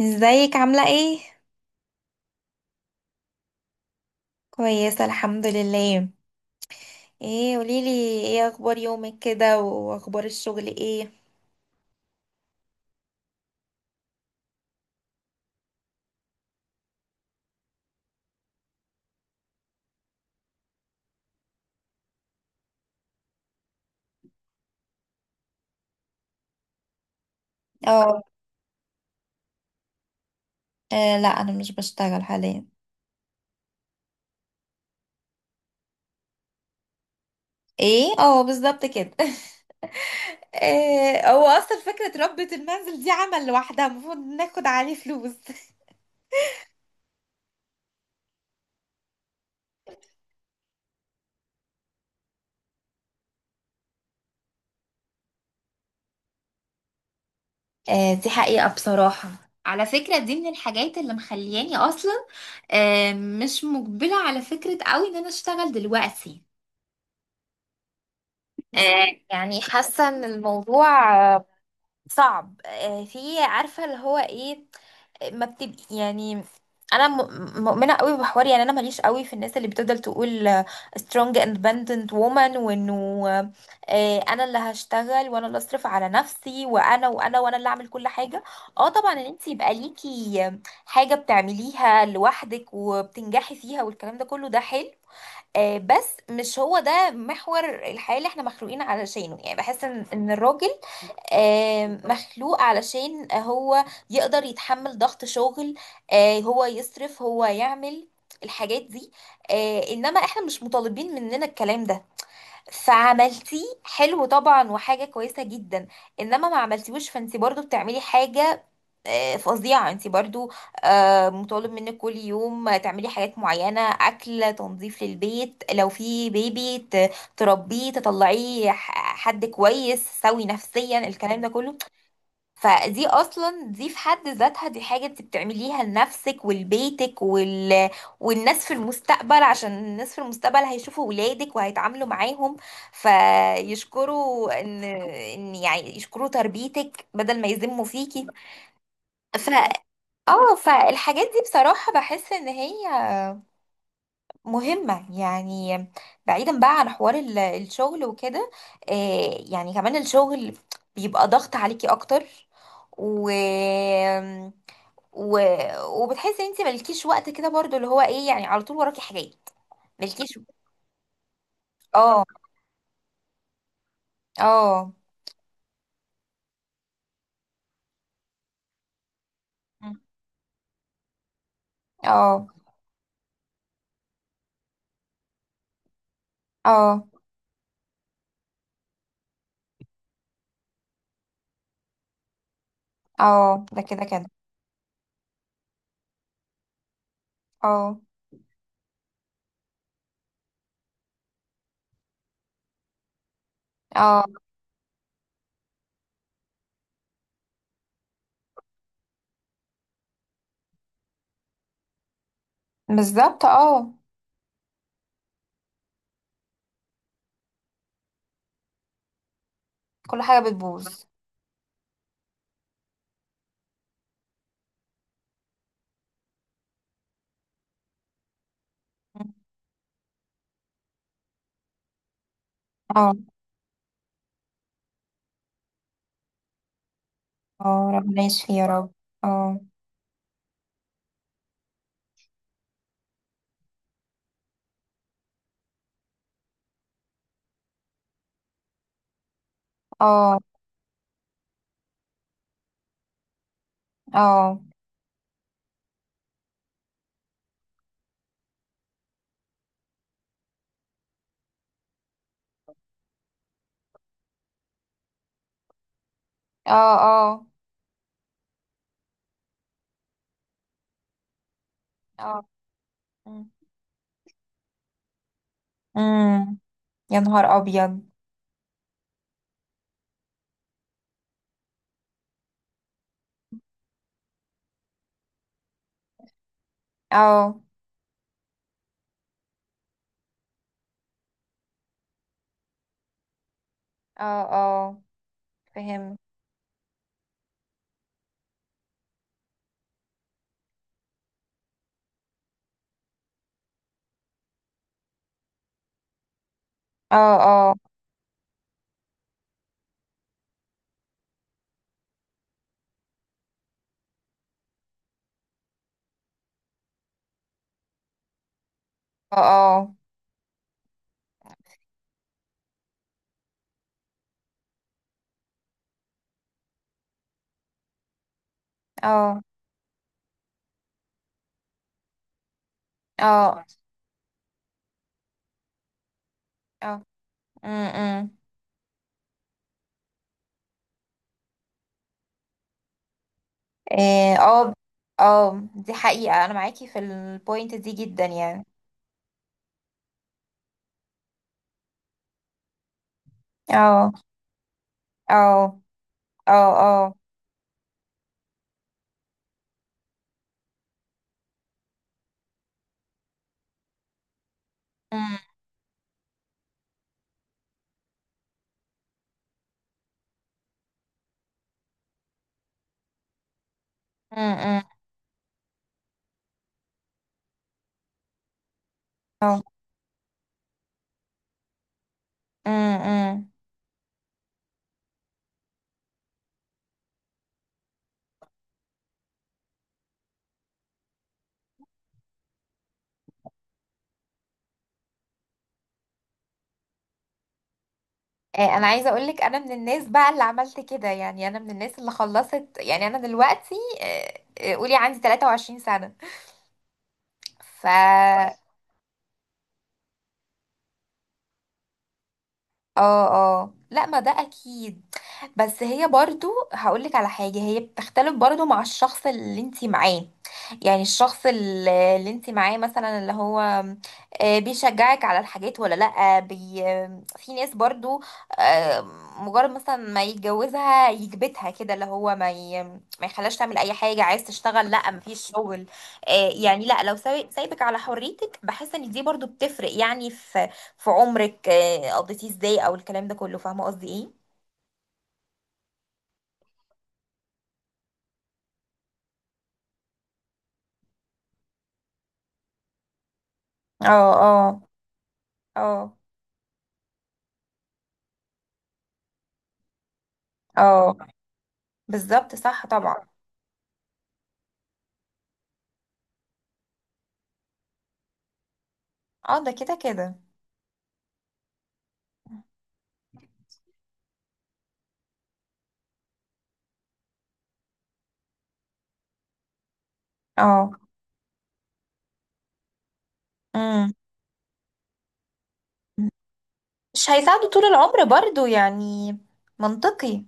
ازيك عاملة ايه؟ كويسة الحمد لله. ايه قوليلي. ايه اخبار يومك كده واخبار الشغل ايه؟ اه. لا انا مش بشتغل حاليا. ايه؟ اه، بالظبط كده. هو اصلا فكرة ربة المنزل دي عمل لوحدها المفروض ناخد عليه فلوس. دي حقيقة بصراحة. على فكرة دي من الحاجات اللي مخلياني أصلا مش مقبلة على فكرة قوي إن أنا أشتغل دلوقتي. يعني حاسة إن الموضوع صعب، في، عارفه اللي هو ايه. ما بتبقي يعني انا مؤمنه قوي بحوار. يعني انا ماليش قوي في الناس اللي بتفضل تقول strong independent woman، وانه انا اللي هشتغل وانا اللي اصرف على نفسي وانا اللي اعمل كل حاجه. اه طبعا ان انت يبقى ليكي حاجه بتعمليها لوحدك وبتنجحي فيها، والكلام ده كله ده حلو، بس مش هو ده محور الحياه اللي احنا مخلوقين علشانه. يعني بحس إن الراجل مخلوق علشان هو يقدر يتحمل ضغط شغل، هو يصرف هو يعمل الحاجات دي. انما احنا مش مطالبين مننا الكلام ده، فعملتيه حلو طبعا وحاجة كويسة جدا، انما ما عملتيهوش فانت برضو بتعملي حاجة فظيعة. انت برضو مطالب منك كل يوم تعملي حاجات معينة، اكل، تنظيف للبيت، لو في بيبي تربيه تطلعيه حد كويس سوي نفسيا، الكلام ده كله. فدي اصلا دي في حد ذاتها دي حاجة انت بتعمليها لنفسك ولبيتك والناس في المستقبل. عشان الناس في المستقبل هيشوفوا ولادك وهيتعاملوا معاهم فيشكروا ان يعني يشكروا تربيتك بدل ما يذموا فيكي. ف اه فالحاجات دي بصراحة بحس ان هي مهمة يعني. بعيدا بقى عن حوار الشغل وكده، يعني كمان الشغل بيبقى ضغط عليكي اكتر، و و... وبتحسي ان انت مالكيش وقت كده برضو اللي هو ايه يعني. على طول وراكي حاجات مالكيش. اه. اه. اه. اه. اه، ده كده كده. اه. اه، بالظبط. اه. كل حاجة بتبوظ. اه. اه، ربنا يشفي يا رب. اه. اه. اه. اه. اه. اه. مم. مم. يا نهار ابيض. اه. اه. اه، فهم. اه. اه. اه. اه. اه. اه. اه. مم، مم. اه. اه. دي حقيقة، انا معاكي في البوينت دي جدا يعني. اه. اه. اه. اه. أمم. أمم. أمم. اه. أمم. أمم. انا عايزه اقول لك انا من الناس بقى اللي عملت كده. يعني انا من الناس اللي خلصت. يعني انا دلوقتي قولي عندي 23 سنه. ف اه، اه، لا، ما ده اكيد. بس هي برضو هقولك على حاجة، هي بتختلف برضو مع الشخص اللي انتي معاه. يعني الشخص اللي انتي معاه مثلا اللي هو بيشجعك على الحاجات ولا لا. في ناس برضو آه، مجرد مثلا ما يتجوزها يكبتها كده، اللي هو ما يخلاش تعمل اي حاجة. عايز تشتغل، لا مفيش شغل. يعني لا، لو سايبك على حريتك. بحس ان دي برضو بتفرق، يعني في عمرك قضيتيه ازاي او الكلام ده كله. فاهمه قصدي ايه. اه. اه. اه. اه بالظبط، صح طبعا. اه، ده كده كده. اه. امم. مش هيساعده طول العمر برضو يعني. منطقي.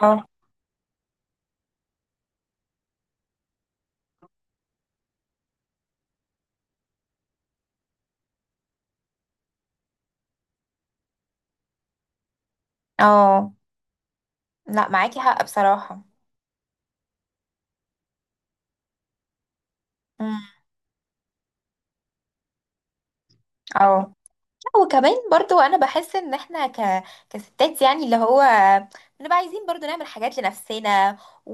اه. اه. لا، معاكي حق بصراحة. امم. اه. وكمان برضو انا بحس ان احنا كستات، يعني اللي هو بنبقى عايزين برضو نعمل حاجات لنفسنا، و...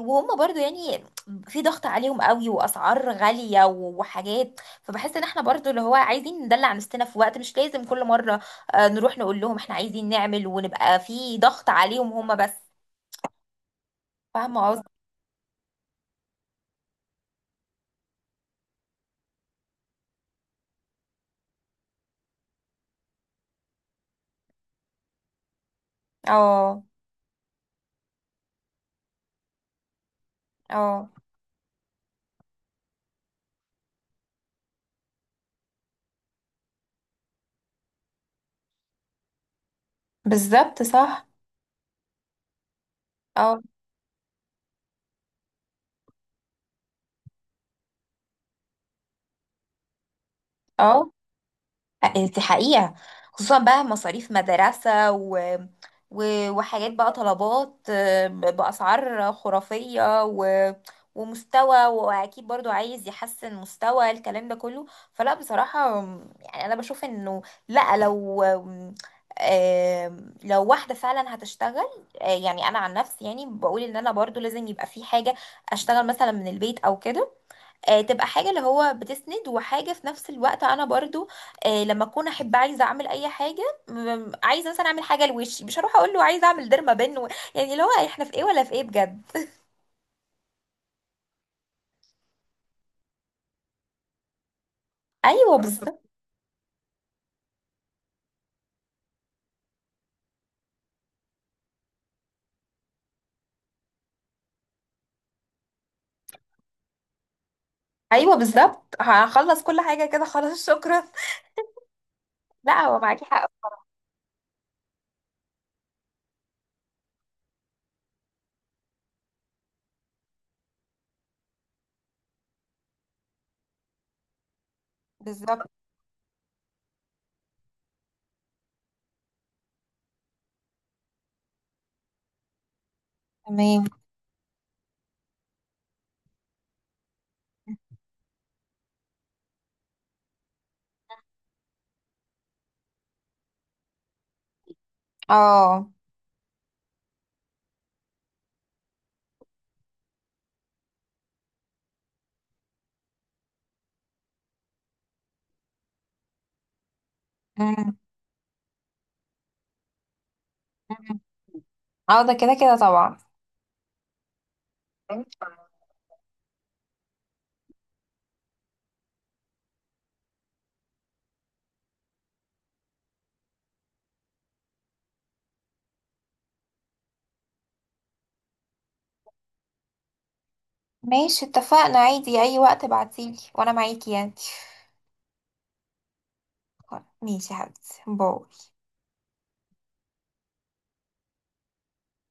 وهم برضو يعني في ضغط عليهم قوي، واسعار غالية، وحاجات. فبحس ان احنا برضو اللي هو عايزين ندلع نفسنا في وقت، مش لازم كل مرة نروح نقول لهم احنا عايزين نعمل ونبقى في ضغط عليهم هم بس. فاهمة قصدي. اه. اه، بالظبط صح. اه. اه، دي حقيقة. خصوصا بقى مصاريف مدرسة وحاجات بقى، طلبات بأسعار خرافية، ومستوى. وأكيد برضو عايز يحسن مستوى، الكلام ده كله. فلا بصراحة، يعني أنا بشوف إنه لا، لو واحدة فعلا هتشتغل، يعني أنا عن نفسي يعني بقول إن أنا برضو لازم يبقى في حاجة. أشتغل مثلا من البيت أو كده، تبقى حاجة اللي هو بتسند، وحاجة في نفس الوقت انا برضو لما اكون احب عايزة اعمل اي حاجة. عايزة مثلا اعمل حاجة لوشي، مش هروح اقول له عايزة اعمل ديرما بن يعني اللي هو احنا في ايه ولا في ايه بجد. ايوه بالظبط. ايوه بالظبط، هخلص كل حاجة كده، خلاص شكرا. لا، هو معاكي حق. بالظبط. تمام. اه. أمم. أمم. اه، ده كده كده طبعا. ماشي، اتفقنا، عادي اي وقت ابعتيلي وانا معاكي يعني. ماشي يا حبيبتي، باي.